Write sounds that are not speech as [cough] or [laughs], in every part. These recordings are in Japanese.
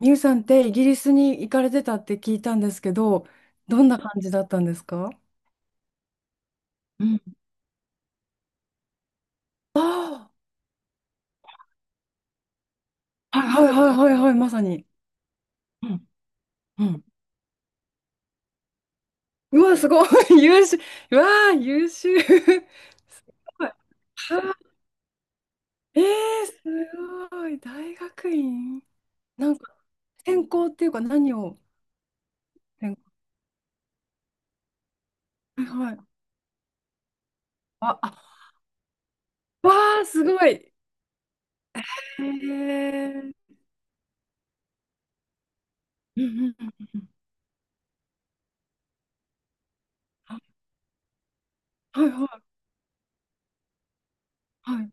ミュウさんってイギリスに行かれてたって聞いたんですけど、どんな感じだったんですか？うん。ああ、はい、はい、はい、はい、はい、まさに。うんうん。うわ、すごい、[laughs] 優秀。うわあ、優秀。[laughs] すごい。はあ。えー、すごい。大学院なんか、専攻っていうか何を？専攻。はいはい。あ、あ、わあ、すごい。えー。うんうんうんうん。はいはいはい。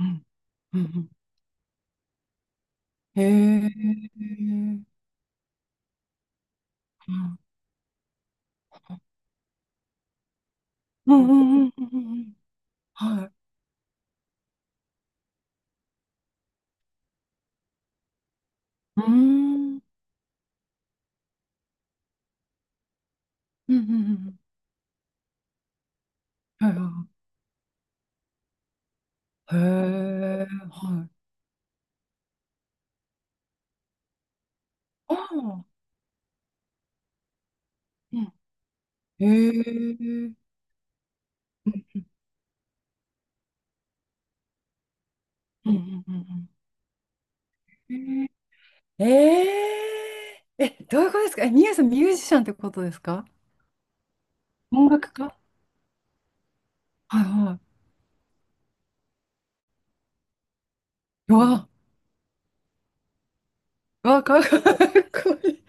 うんうんうん。へえ。うんうんうんうんうんうん。はい。うーん。うん。うんうん。はいはいはい。へえ。はい。あ。うんうん。へえ。うんうんうんうんうん。ええー、え、どういうことですか？え、みゆさんミュージシャンってことですか？音楽家？はいはい。うわ。うわ、かっこい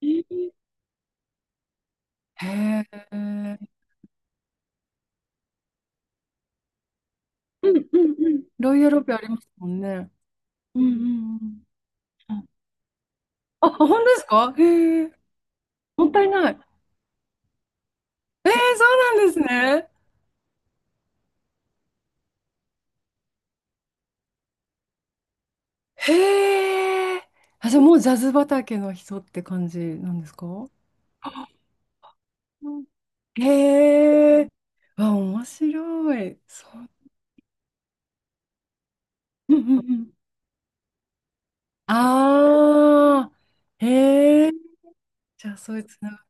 い。[laughs] へえ。うんうんうん。ロイヤルオペありますもんね。うんうんうん。あ、本当ですか？へえ。もったいない。ええ、そうなんですね。へえ。あ、じゃあもうジャズ畑の人って感じなんですか？うん。へえ。あ、面白い。そう。うんうんうん。ああ。へえ。じゃあそういうつなが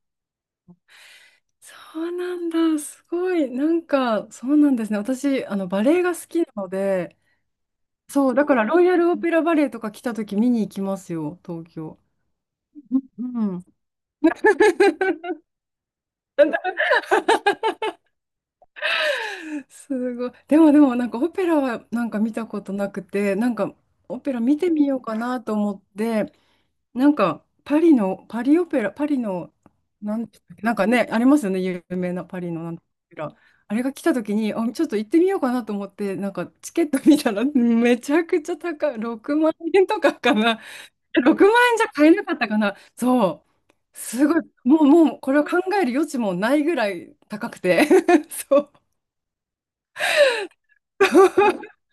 そうなんだ。すごい。なんか、そうなんですね。私、あの、バレエが好きなので、そう、だからロイヤルオペラバレエとか来た時見に行きますよ、東京。うん。[laughs] なんだ、すごい。でもでもなんかオペラはなんか見たことなくて、なんかオペラ見てみようかなと思って、なんかパリの、パリオペラ、パリの、なんでしたっけ、なんかね、ありますよね、有名なパリのなんとかオペラ。あれが来た時に、あ、ちょっと行ってみようかなと思って、なんかチケット見たらめちゃくちゃ高い、6万円とかかな。6万円じゃ買えなかったかな。そう。すごい。もう、これを考える余地もないぐらい高くて。[laughs] そう。[laughs]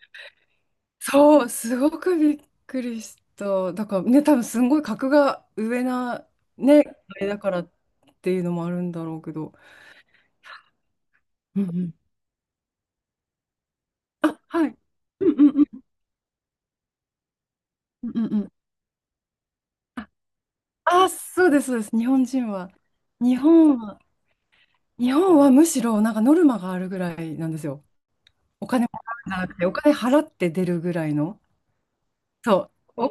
そう、すごくびっくりした。だからね、多分すんごい格が上な、ね、あれだからっていうのもあるんだろうけど。うんうん。あ、はい。うんうんうんうんうんうん。あ、そうです、そうです。日本人は。日本は、日本はむしろなんかノルマがあるぐらいなんですよ。お金もらうんじゃなくて、お金払って出るぐらいの。そう。お、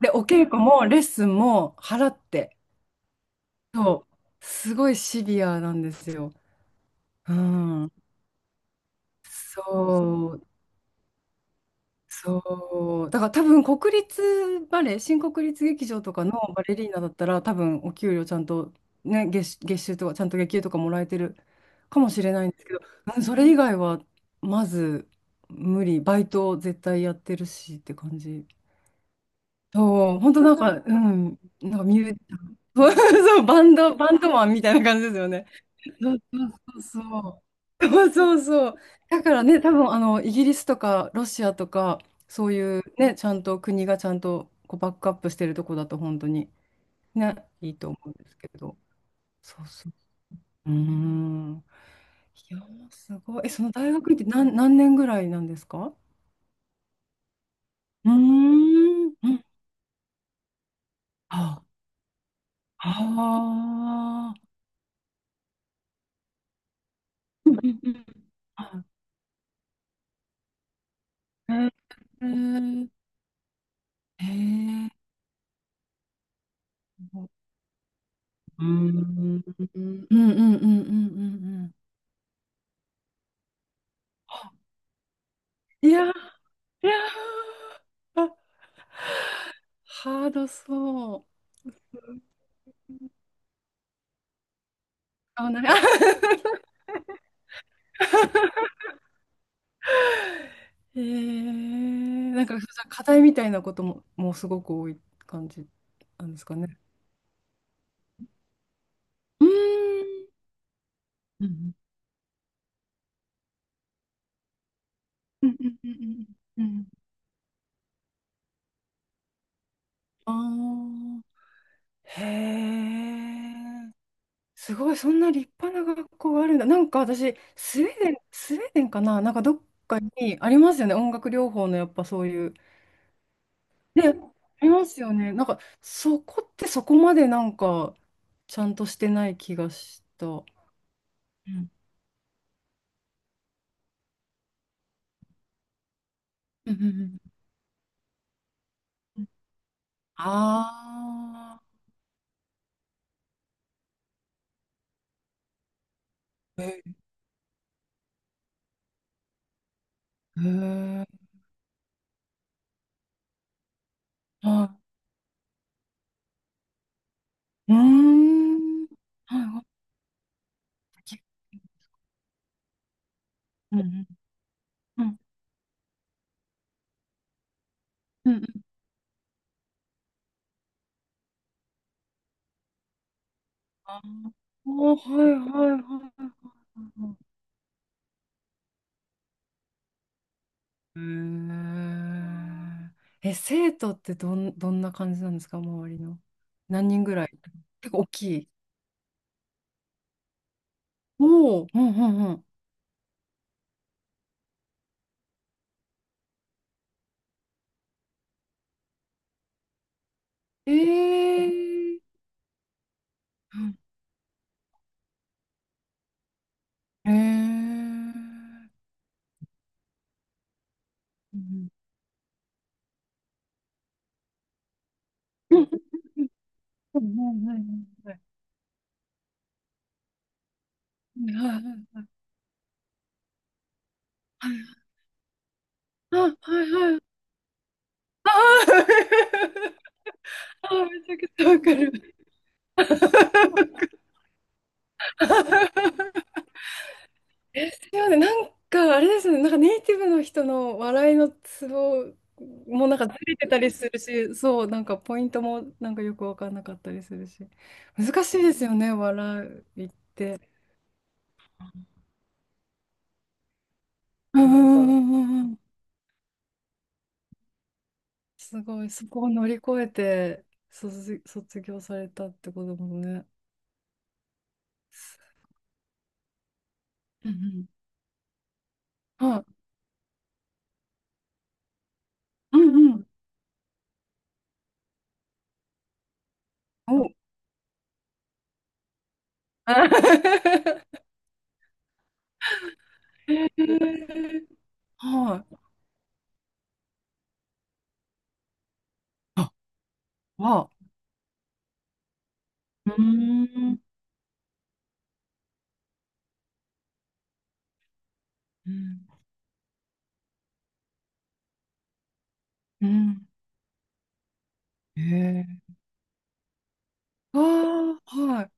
で、お稽古もレッスンも払って。そう。すごいシビアなんですよ。うん。そう、そう。だから多分国立バレエ、新国立劇場とかのバレリーナだったら多分お給料ちゃんと、ね、月収とかちゃんと月給とかもらえてるかもしれないんですけど、うん、それ以外はまず無理、バイト絶対やってるしって感じ。そう、本当なんか、うん、なんかミュー、[laughs] そう、バンドマンみたいな感じですよね。そうそうそう。[laughs] そうそうそう。だからね、多分あのイギリスとかロシアとか、そういうね、ちゃんと国がちゃんとこうバックアップしてるとこだと、本当にね、いいと思うんですけど。そうそう。うーん。いやー、すごい。え、その大学院って何、何年ぐらいなんですか？うーん。うん。ああ。あー。うんうんうん。あ。へーへー。うーん。うんうんうんうんうんうん。いやー、いやー、あ、ハードそう。[laughs] あ、なんか、[laughs] えー、なんか、課題みたいなことも、もうすごく多い感じなんですかね？うーん。うんうんうんうんうんうん。ああ、へえ。すごい、そんな立派な学校があるんだ。なんか私、スウェーデンかな、なんかどっかにありますよね。音楽療法のやっぱそういう。ね、ありますよね。なんかそこってそこまでなんかちゃんとしてない気がした。うんうんうんうん。ああ。へえ。へー、はい。うーん。はいはい。うんうんうん。うんうん。ああ。はいはいはいはいはい。うん。え、生徒ってどんな感じなんですか、周りの。何人ぐらい、結構大きい？おお、うんうんうん。えー、うん。えー、うんうんうん。はいはいはいはいはいはいはいはい。あ [laughs] めちゃくちゃわかる。[laughs] ですよね。なんか、あれですね。なんかネイティブの人の笑いのツボもなんかずれてたりするし、そう、なんかポイントもなんかよくわかんなかったりするし。難しいですよね、笑いって。うんうんうんうんうん。すごい、そこを乗り越えて卒業されたってこともね。うんうん。はい。うんうん。お。[laughs] へー、はい。あ、わあ。うーん。うん。うん。ええ。ああ、はい、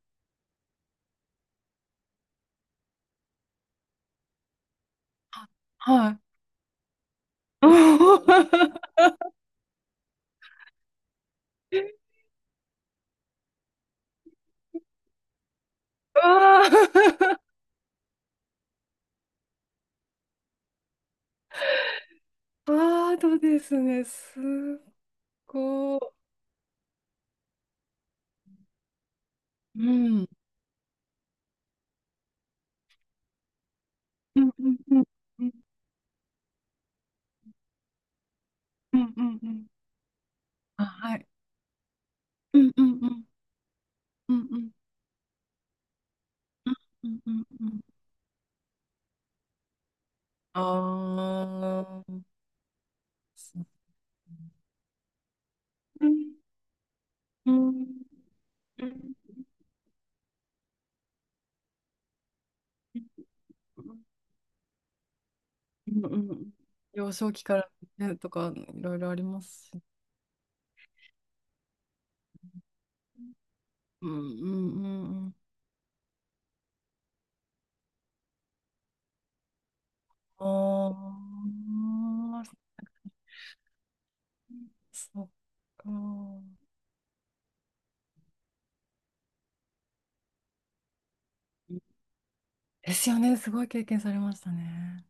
はい。[laughs] ああ。[laughs] ああ、そうですね。すっごい。うん。うんうんうんうんうんうんうん。あ、はい。うんうんうんうんうんうんうんうん。ああ、そう。うんうんうんうんうんうん。幼少期からねとかいろいろありますし。うんうんうんうん。ああ、そっか。ですよね。すごい経験されましたね。